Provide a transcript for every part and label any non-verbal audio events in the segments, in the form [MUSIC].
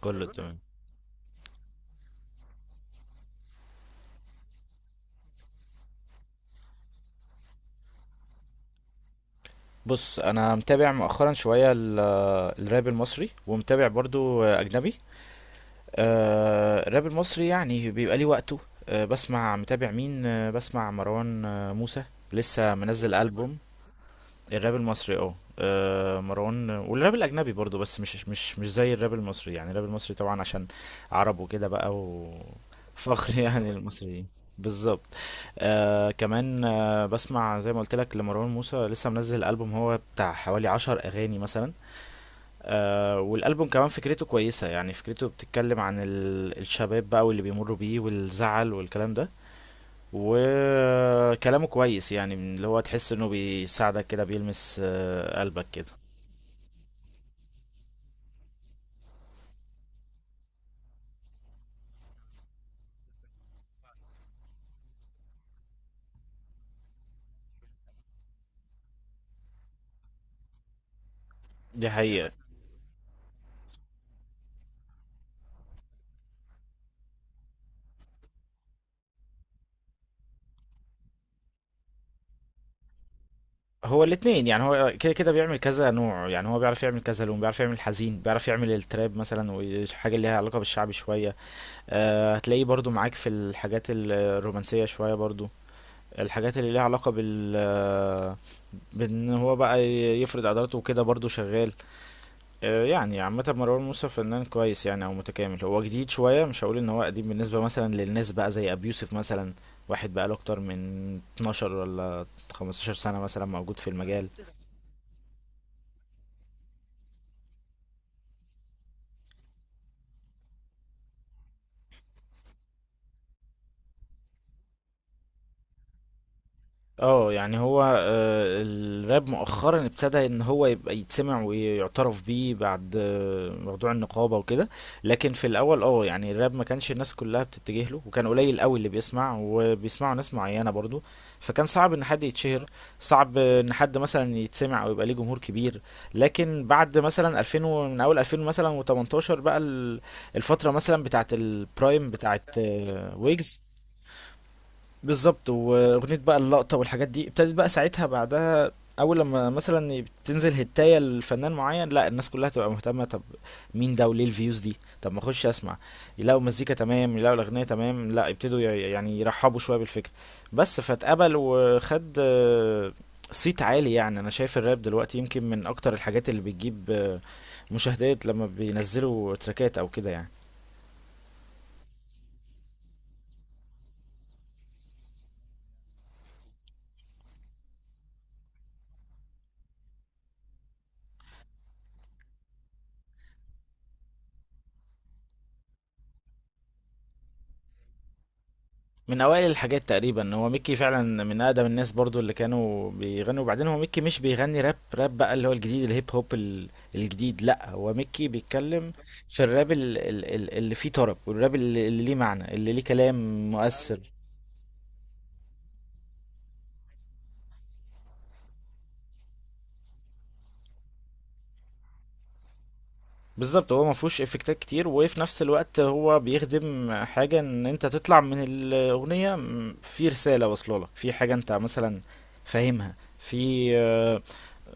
كله تمام. بص، انا متابع مؤخرا شويه الراب المصري، ومتابع برضو اجنبي. الراب المصري يعني بيبقى ليه وقته. بسمع مروان موسى، لسه منزل ألبوم. الراب المصري مروان، والراب الاجنبي برضو، بس مش زي الراب المصري. يعني الراب المصري طبعا عشان عرب وكده بقى، وفخر [LAUGHS] يعني المصريين. بالظبط. آه كمان، آه بسمع زي ما قلت لك لمروان موسى، لسه منزل البوم هو بتاع حوالي 10 اغاني مثلا. آه، والالبوم كمان فكرته كويسه، يعني فكرته بتتكلم عن الشباب بقى واللي بيمروا بيه والزعل والكلام ده، وكلامه كويس، يعني من اللي هو تحس انه بيساعدك كده، بيلمس قلبك كده. دي حقيقة. هو الاتنين، يعني هو كده كده بيعمل كذا نوع، يعني هو بيعرف يعمل كذا لون، بيعرف يعمل حزين، بيعرف يعمل التراب مثلا، وحاجة اللي ليها علاقة بالشعبي شوية. أه هتلاقيه برضو معاك في الحاجات الرومانسية شوية برضو، الحاجات اللي ليها علاقة بال آه، بان هو بقى يفرض عضلاته وكده برضو شغال. يعني عامة مروان موسى فنان كويس يعني او متكامل، هو جديد شوية، مش هقول ان هو قديم بالنسبة مثلا للناس بقى زي ابي يوسف مثلا. واحد بقى له اكتر من 12 ولا 15 سنة مثلا موجود في المجال. اه يعني هو الراب مؤخرا ابتدى ان هو يبقى يتسمع ويعترف بيه، بعد موضوع النقابة وكده. لكن في الاول اه، يعني الراب ما كانش الناس كلها بتتجه له، وكان قليل قوي اللي بيسمع، وبيسمعوا ناس معينة برضو، فكان صعب ان حد يتشهر، صعب ان حد مثلا يتسمع او يبقى ليه جمهور كبير. لكن بعد مثلا 2000 و- من اول 2000 مثلا و18 بقى الفترة مثلا بتاعت البرايم بتاعت ويجز. بالظبط، واغنيه بقى اللقطه والحاجات دي ابتدت بقى ساعتها بعدها. اول لما مثلا بتنزل هتايه لفنان معين، لا الناس كلها تبقى مهتمه، طب مين ده وليه الفيوز دي، طب ما اخش اسمع، يلاقوا مزيكا تمام، يلاقوا الاغنيه تمام، لا يبتدوا يعني يرحبوا شويه بالفكره. بس فاتقبل وخد صيت عالي. يعني انا شايف الراب دلوقتي يمكن من اكتر الحاجات اللي بتجيب مشاهدات لما بينزلوا تراكات او كده يعني. من اوائل الحاجات تقريبا هو ميكي، فعلا من اقدم الناس برضو اللي كانوا بيغنوا. وبعدين هو ميكي مش بيغني راب، راب بقى اللي هو الجديد، الهيب هوب الجديد، لا هو ميكي بيتكلم في الراب اللي فيه طرب، والراب اللي ليه معنى، اللي ليه كلام مؤثر. بالظبط، هو ما فيهوش افكتات كتير، وفي نفس الوقت هو بيخدم حاجة، ان انت تطلع من الاغنية في رسالة واصله لك، في حاجة انت مثلا فاهمها في آه،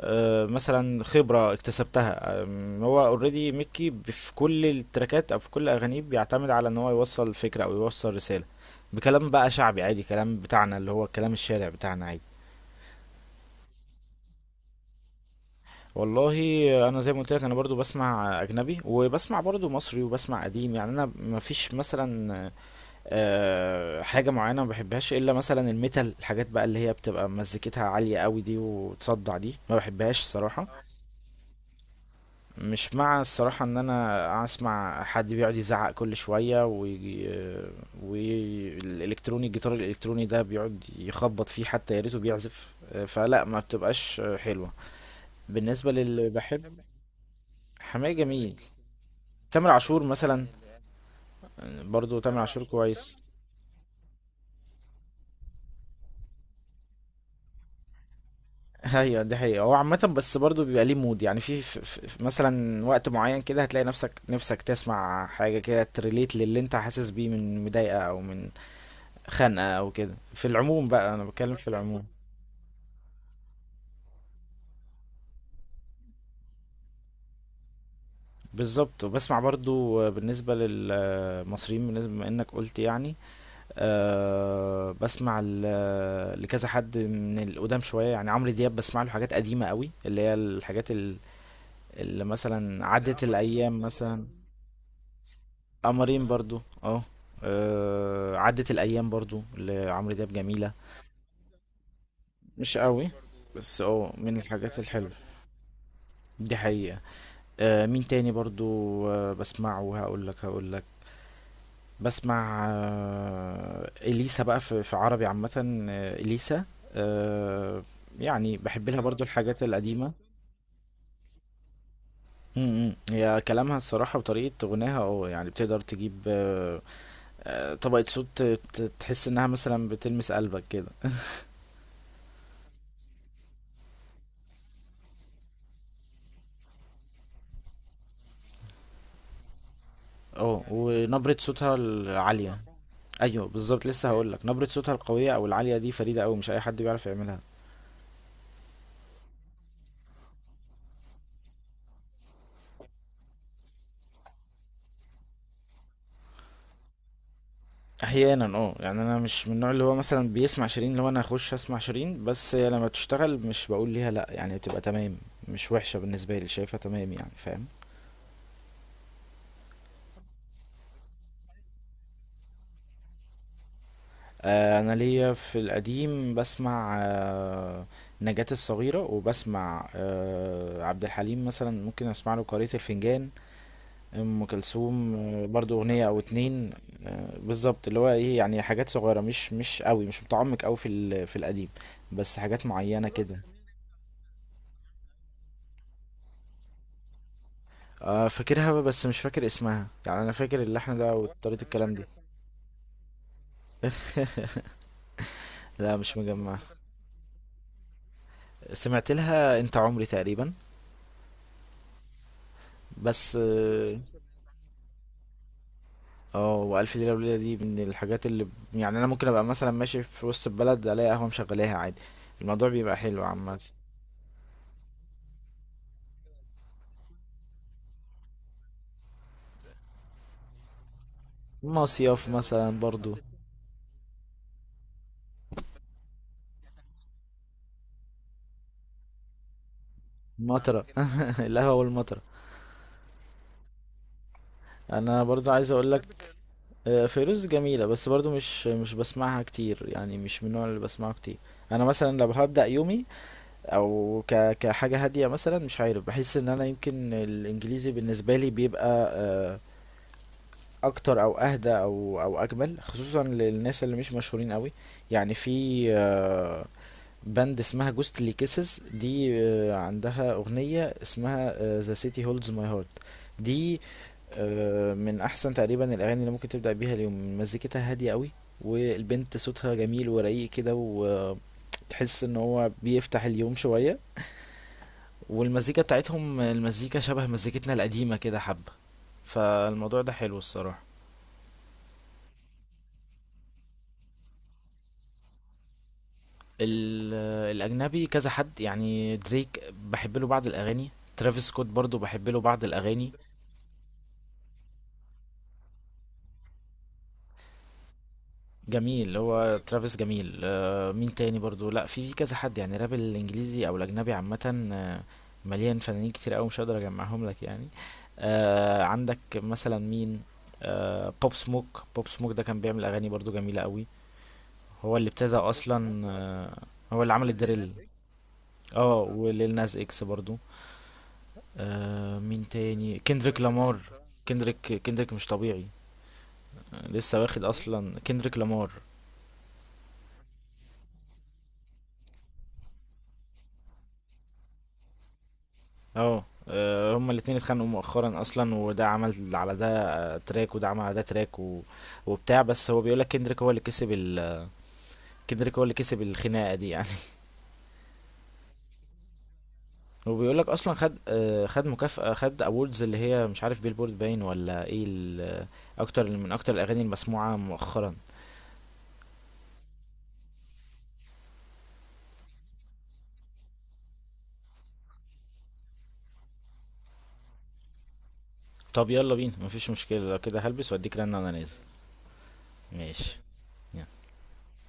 آه، مثلا خبرة اكتسبتها. هو اوريدي ميكي في كل التراكات او في كل اغانيه بيعتمد على ان هو يوصل فكرة او يوصل رسالة، بكلام بقى شعبي عادي، كلام بتاعنا، اللي هو كلام الشارع بتاعنا عادي. والله، انا زي ما قلت لك انا برضو بسمع اجنبي، وبسمع برضو مصري، وبسمع قديم. يعني انا مفيش مثلا حاجة معينة ما بحبهاش الا مثلا الميتال، الحاجات بقى اللي هي بتبقى مزيكتها عالية قوي دي وتصدع، دي ما بحبهاش الصراحة. مش مع الصراحة ان انا اسمع حد بيقعد يزعق كل شوية ويجي، والالكتروني، الجيتار الالكتروني ده بيقعد يخبط فيه، حتى يا ريته بيعزف، فلا ما بتبقاش حلوة. بالنسبة للي بحب، حماية جميل، تامر عاشور مثلا، برضو تامر عاشور كويس. [LAUGHS] ايوه دي حقيقة، هو عامة بس برضو بيبقى ليه مود، يعني في مثلا وقت معين كده هتلاقي نفسك تسمع حاجة كده تريليت للي انت حاسس بيه من مضايقة او من خنقة او كده، في العموم بقى، انا بتكلم في العموم. بالظبط، وبسمع برضو بالنسبة للمصريين، بالنسبة ما انك قلت يعني، أه بسمع لكذا حد من القدام شوية، يعني عمرو دياب بسمع له حاجات قديمة قوي، اللي هي الحاجات اللي مثلا عدت الأيام مثلا. قمرين برضو اه، عدت الأيام برضو لعمرو دياب جميلة. مش قوي، بس اه من الحاجات الحلوة. دي حقيقة. آه مين تاني برضو، آه بسمعه هقول لك، هقول لك. بسمع آه اليسا بقى، في عربي عامة آه اليسا. آه يعني بحب لها برضو الحاجات القديمة. م- م. هي كلامها الصراحة وطريقة غناها اه، يعني بتقدر تجيب طبقة صوت تحس انها مثلا بتلمس قلبك كده. اه ونبرة صوتها العالية. ايوه بالظبط، لسه هقول لك، نبرة صوتها القوية او العالية دي فريدة قوي، مش اي حد بيعرف يعملها. احيانا اه، يعني انا مش من النوع اللي هو مثلا بيسمع شيرين، لو انا اخش اسمع شيرين بس هي لما تشتغل مش بقول ليها لا، يعني تبقى تمام، مش وحشة بالنسبة لي، شايفها تمام يعني، فاهم. آه انا ليا في القديم بسمع آه نجاة الصغيرة، وبسمع آه عبد الحليم مثلا، ممكن اسمع له قارئة الفنجان. ام كلثوم آه برضو اغنية او اتنين. آه بالظبط، اللي هو ايه، يعني حاجات صغيرة، مش قوي، مش متعمق قوي في في القديم، بس حاجات معينة كده. آه فاكرها بس مش فاكر اسمها، يعني انا فاكر اللحن ده وطريقة الكلام دي. لا مش مجمع. سمعت لها انت عمري تقريبا، بس اه. والف ليلة وليلة دي من الحاجات اللي، يعني انا ممكن ابقى مثلا ماشي في وسط البلد الاقي قهوة مشغلاها عادي، الموضوع بيبقى حلو عامة. مصيف مثلا برضو، مطرة. [LAUGHS] القهوة والمطرة. يعني انا برضو عايز اقول لك، فيروز جميلة بس برضو مش مش بسمعها كتير، يعني مش من النوع اللي بسمعه كتير. انا مثلا لو هبدأ يومي او كحاجه هاديه مثلا، مش عارف، بحس ان انا يمكن الانجليزي بالنسبه لي بيبقى اكتر او اهدى او اجمل، خصوصا للناس اللي مش مشهورين قوي. يعني في باند اسمها جوستلي كيسز دي، عندها اغنيه اسمها ذا سيتي هولدز ماي هارت دي. من احسن تقريبا الاغاني اللي ممكن تبدا بيها اليوم، مزيكتها هاديه قوي، والبنت صوتها جميل ورقيق كده، وتحس ان هو بيفتح اليوم شويه، والمزيكا بتاعتهم، المزيكا شبه مزيكتنا القديمة كده حبة، فالموضوع ده حلو الصراحة. الأجنبي كذا حد يعني، دريك بحب له بعض الأغاني، ترافيس سكوت برضو بحب له بعض الأغاني. جميل هو ترافيس جميل. مين تاني برضو، لا في كذا حد يعني، راب الإنجليزي أو الأجنبي عامة مليان فنانين كتير أوي، مش هقدر أجمعهم لك يعني. عندك مثلا مين، بوب سموك، بوب سموك ده كان بيعمل أغاني برضو جميلة أوي، هو اللي ابتدى اصلا هو اللي عمل الدريل. اه وليل ناس اكس برضو. آه مين تاني، كندريك لامار. كندريك مش طبيعي. لسه واخد اصلا كندريك لامار. اه هما الاتنين اتخانقوا مؤخرا اصلا، وده عمل على ده تراك، وده عمل على ده تراك و... وبتاع، بس هو بيقولك كندريك هو اللي كسب كندريك هو اللي كسب الخناقه دي يعني. [LAUGHS] وبيقولك اصلا خد خد مكافأة، خد اووردز اللي هي مش عارف بيلبورد باين ولا ايه اكتر من الاغاني المسموعه مؤخرا. طب يلا بينا، مفيش مشكلة لو كده، هلبس واديك رنة وانا نازل. ماشي.